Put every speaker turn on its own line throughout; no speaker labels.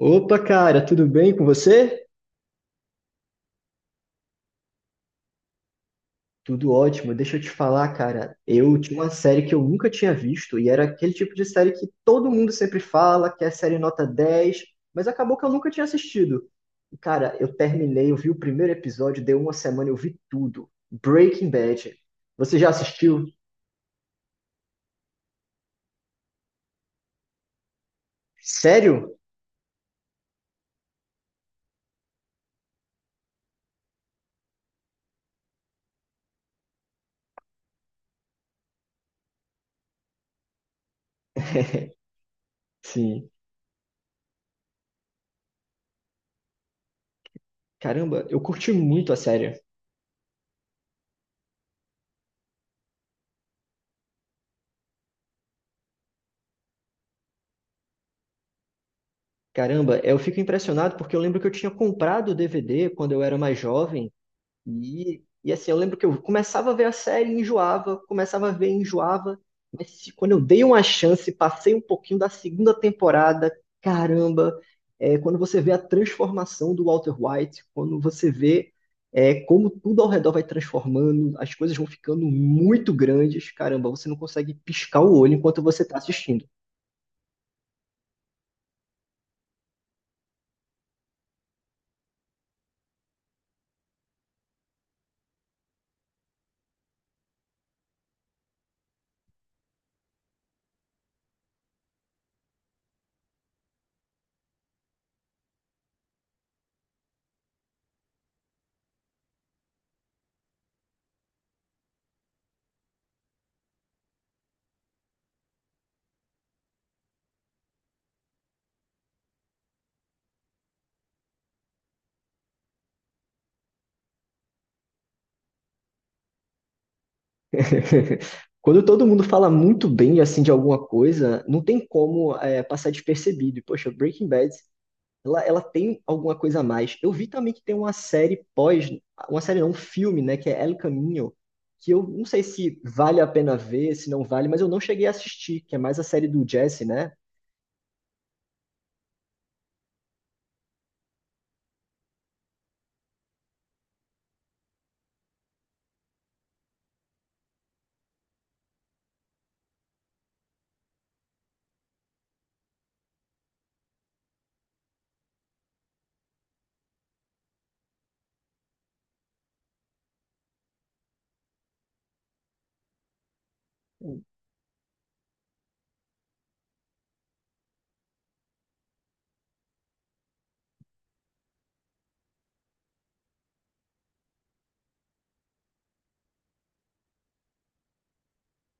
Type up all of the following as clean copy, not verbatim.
Opa, cara, tudo bem com você? Tudo ótimo. Deixa eu te falar, cara. Eu tinha uma série que eu nunca tinha visto e era aquele tipo de série que todo mundo sempre fala, que é série nota 10, mas acabou que eu nunca tinha assistido. E, cara, eu terminei, eu vi o primeiro episódio, deu uma semana, eu vi tudo. Breaking Bad. Você já assistiu? Sério? Sim. Caramba, eu curti muito a série. Caramba, eu fico impressionado porque eu lembro que eu tinha comprado o DVD quando eu era mais jovem. E assim, eu lembro que eu começava a ver a série, e enjoava, começava a ver, e enjoava. Mas quando eu dei uma chance, passei um pouquinho da segunda temporada, caramba, quando você vê a transformação do Walter White, quando você vê como tudo ao redor vai transformando, as coisas vão ficando muito grandes, caramba, você não consegue piscar o olho enquanto você está assistindo. Quando todo mundo fala muito bem assim de alguma coisa, não tem como passar despercebido. E, poxa, Breaking Bad. Ela tem alguma coisa a mais. Eu vi também que tem uma série pós, uma série não, um filme, né, que é El Caminho, que eu não sei se vale a pena ver, se não vale, mas eu não cheguei a assistir, que é mais a série do Jesse, né?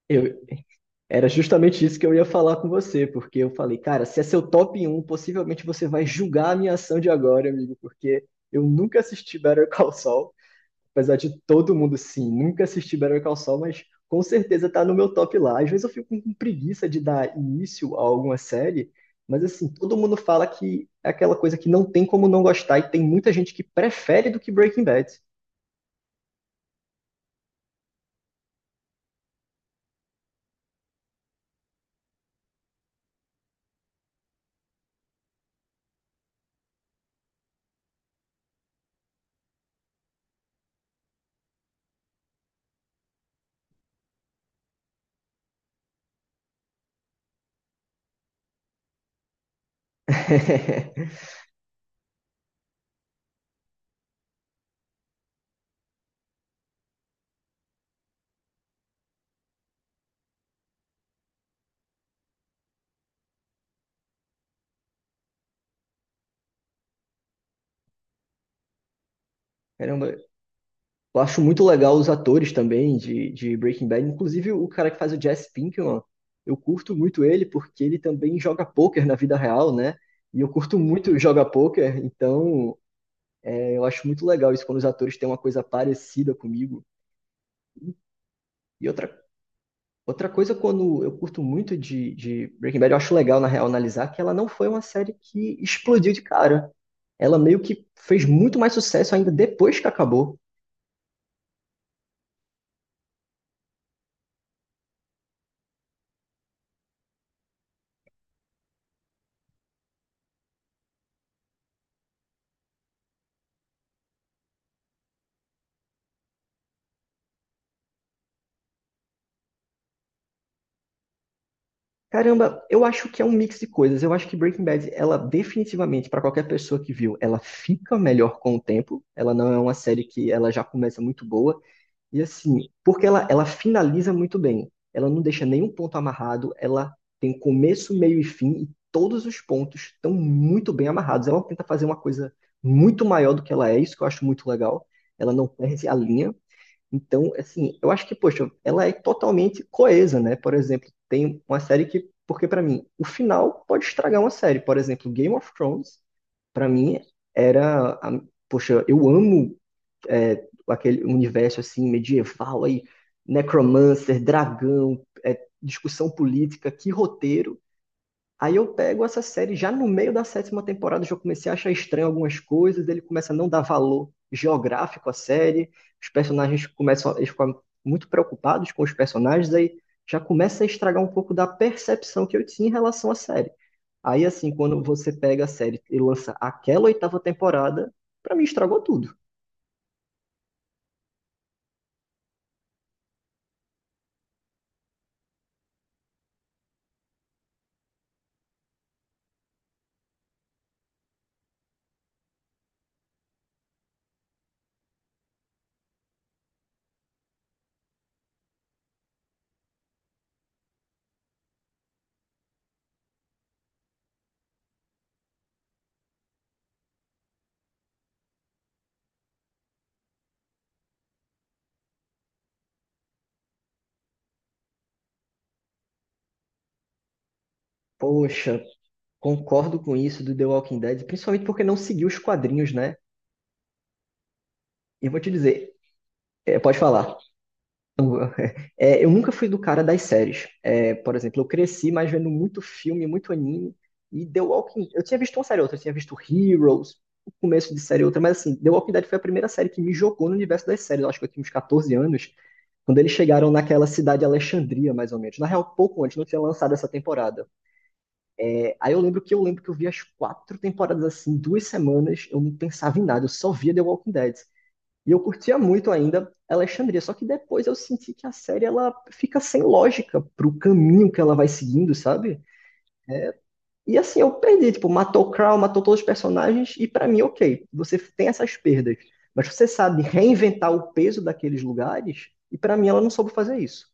Eu, era justamente isso que eu ia falar com você, porque eu falei, cara, se é seu top um possivelmente você vai julgar a minha ação de agora, amigo, porque eu nunca assisti Better Call Saul. Apesar de todo mundo, sim, nunca assisti Better Call Saul, mas com certeza tá no meu top lá. Às vezes eu fico com preguiça de dar início a alguma série, mas assim, todo mundo fala que é aquela coisa que não tem como não gostar e tem muita gente que prefere do que Breaking Bad. Caramba, eu acho muito legal os atores também de Breaking Bad, inclusive o cara que faz o Jesse Pinkman, eu curto muito ele porque ele também joga poker na vida real, né? E eu curto muito jogar poker. Então, eu acho muito legal isso quando os atores têm uma coisa parecida comigo. E outra, outra coisa, quando eu curto muito de Breaking Bad, eu acho legal, na real, analisar que ela não foi uma série que explodiu de cara. Ela meio que fez muito mais sucesso ainda depois que acabou. Caramba, eu acho que é um mix de coisas. Eu acho que Breaking Bad, ela definitivamente, para qualquer pessoa que viu, ela fica melhor com o tempo. Ela não é uma série que ela já começa muito boa. E assim, porque ela finaliza muito bem. Ela não deixa nenhum ponto amarrado, ela tem começo, meio e fim, e todos os pontos estão muito bem amarrados. Ela tenta fazer uma coisa muito maior do que ela é, isso que eu acho muito legal. Ela não perde a linha. Então, assim, eu acho que, poxa, ela é totalmente coesa, né? Por exemplo, tem uma série que, porque pra mim, o final pode estragar uma série. Por exemplo, Game of Thrones, pra mim, era, a- poxa, eu amo aquele universo assim medieval aí, necromancer, dragão, discussão política, que roteiro. Aí eu pego essa série já no meio da sétima temporada, já comecei a achar estranho algumas coisas, ele começa a não dar valor geográfico à série, os personagens começam, eles ficam muito preocupados com os personagens, aí já começa a estragar um pouco da percepção que eu tinha em relação à série. Aí assim, quando você pega a série e lança aquela oitava temporada, pra mim estragou tudo. Poxa, concordo com isso do The Walking Dead, principalmente porque não seguiu os quadrinhos, né? E vou te dizer, pode falar. Eu- eu nunca fui do cara das séries. É, por exemplo, eu cresci mais vendo muito filme, muito anime, Eu tinha visto uma série ou outra, eu tinha visto Heroes, o começo de série ou outra, mas assim, The Walking Dead foi a primeira série que me jogou no universo das séries. Eu acho que eu tinha uns 14 anos, quando eles chegaram naquela cidade de Alexandria, mais ou menos. Na real, pouco antes, não tinha lançado essa temporada. Aí eu lembro que eu vi as quatro temporadas assim, 2 semanas, eu não pensava em nada, eu só via The Walking Dead. E eu curtia muito ainda Alexandria, só que depois eu senti que a série ela fica sem lógica pro caminho que ela vai seguindo, sabe? E assim, eu perdi, tipo, matou o Crow, matou todos os personagens, e pra mim, ok, você tem essas perdas, mas você sabe reinventar o peso daqueles lugares, e pra mim ela não soube fazer isso.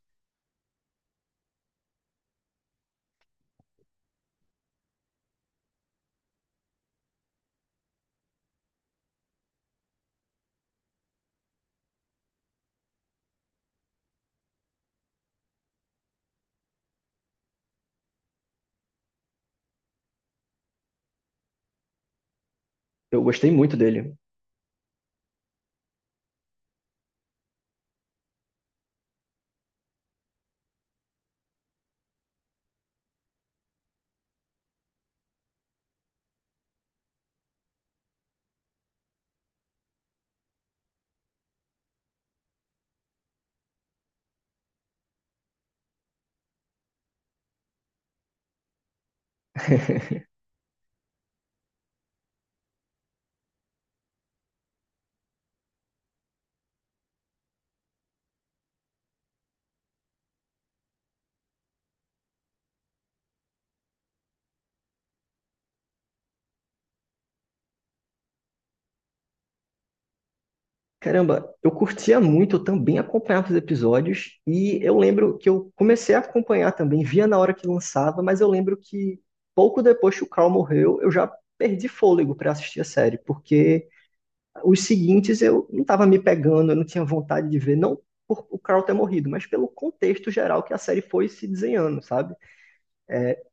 Eu gostei muito dele. Caramba, eu curtia muito, eu também acompanhava os episódios, e eu lembro que eu comecei a acompanhar também, via na hora que lançava, mas eu lembro que pouco depois que o Carl morreu, eu já perdi fôlego para assistir a série, porque os seguintes eu não estava me pegando, eu não tinha vontade de ver, não por o Carl ter morrido, mas pelo contexto geral que a série foi se desenhando, sabe?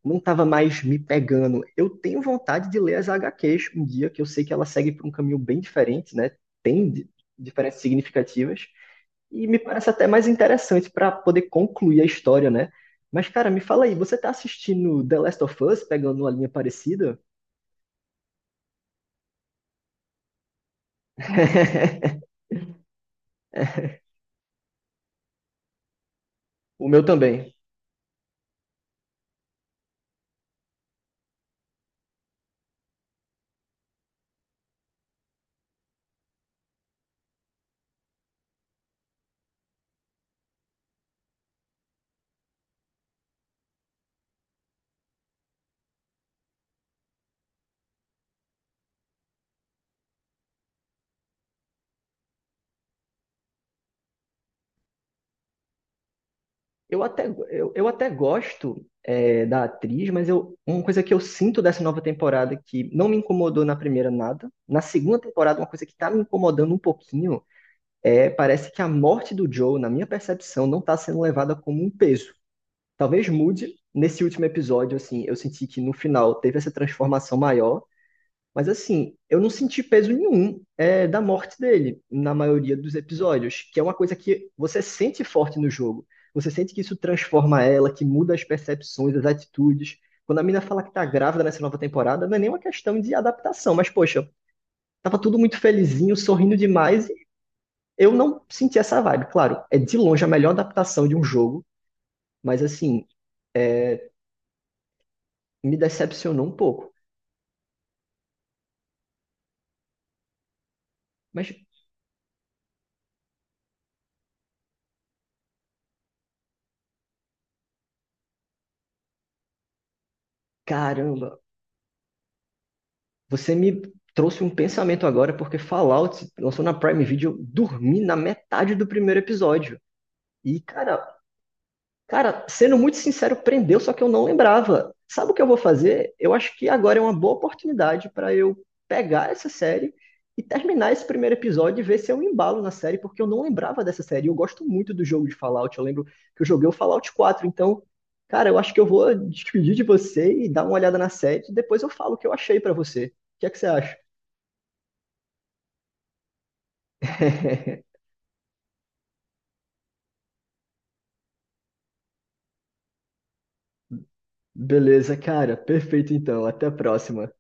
Não estava mais me pegando. Eu tenho vontade de ler as HQs um dia, que eu sei que ela segue por um caminho bem diferente, né? Tem diferenças significativas, e me parece até mais interessante para poder concluir a história, né? Mas, cara, me fala aí, você tá assistindo The Last of Us, pegando uma linha parecida? O meu também. Eu até gosto da atriz, mas uma coisa que eu sinto dessa nova temporada que não me incomodou na primeira nada, na segunda temporada, uma coisa que tá me incomodando um pouquinho parece que a morte do Joe, na minha percepção, não tá sendo levada como um peso. Talvez mude nesse último episódio, assim, eu senti que no final teve essa transformação maior, mas assim, eu não senti peso nenhum da morte dele na maioria dos episódios, que é uma coisa que você sente forte no jogo. Você sente que isso transforma ela, que muda as percepções, as atitudes. Quando a mina fala que tá grávida nessa nova temporada, não é nenhuma questão de adaptação, mas poxa, tava tudo muito felizinho, sorrindo demais, e eu não senti essa vibe. Claro, é de longe a melhor adaptação de um jogo, mas assim, me decepcionou um pouco. Mas, caramba, você me trouxe um pensamento agora, porque Fallout se lançou na Prime Video, eu dormi na metade do primeiro episódio. E, cara, Cara, sendo muito sincero, prendeu, só que eu não lembrava. Sabe o que eu vou fazer? Eu acho que agora é uma boa oportunidade para eu pegar essa série e terminar esse primeiro episódio e ver se eu embalo na série, porque eu não lembrava dessa série. Eu gosto muito do jogo de Fallout, eu lembro que eu joguei o Fallout 4. Então, cara, eu acho que eu vou despedir de você e dar uma olhada na série, e depois eu falo o que eu achei para você. O que é que você acha? Beleza, cara, perfeito então. Até a próxima.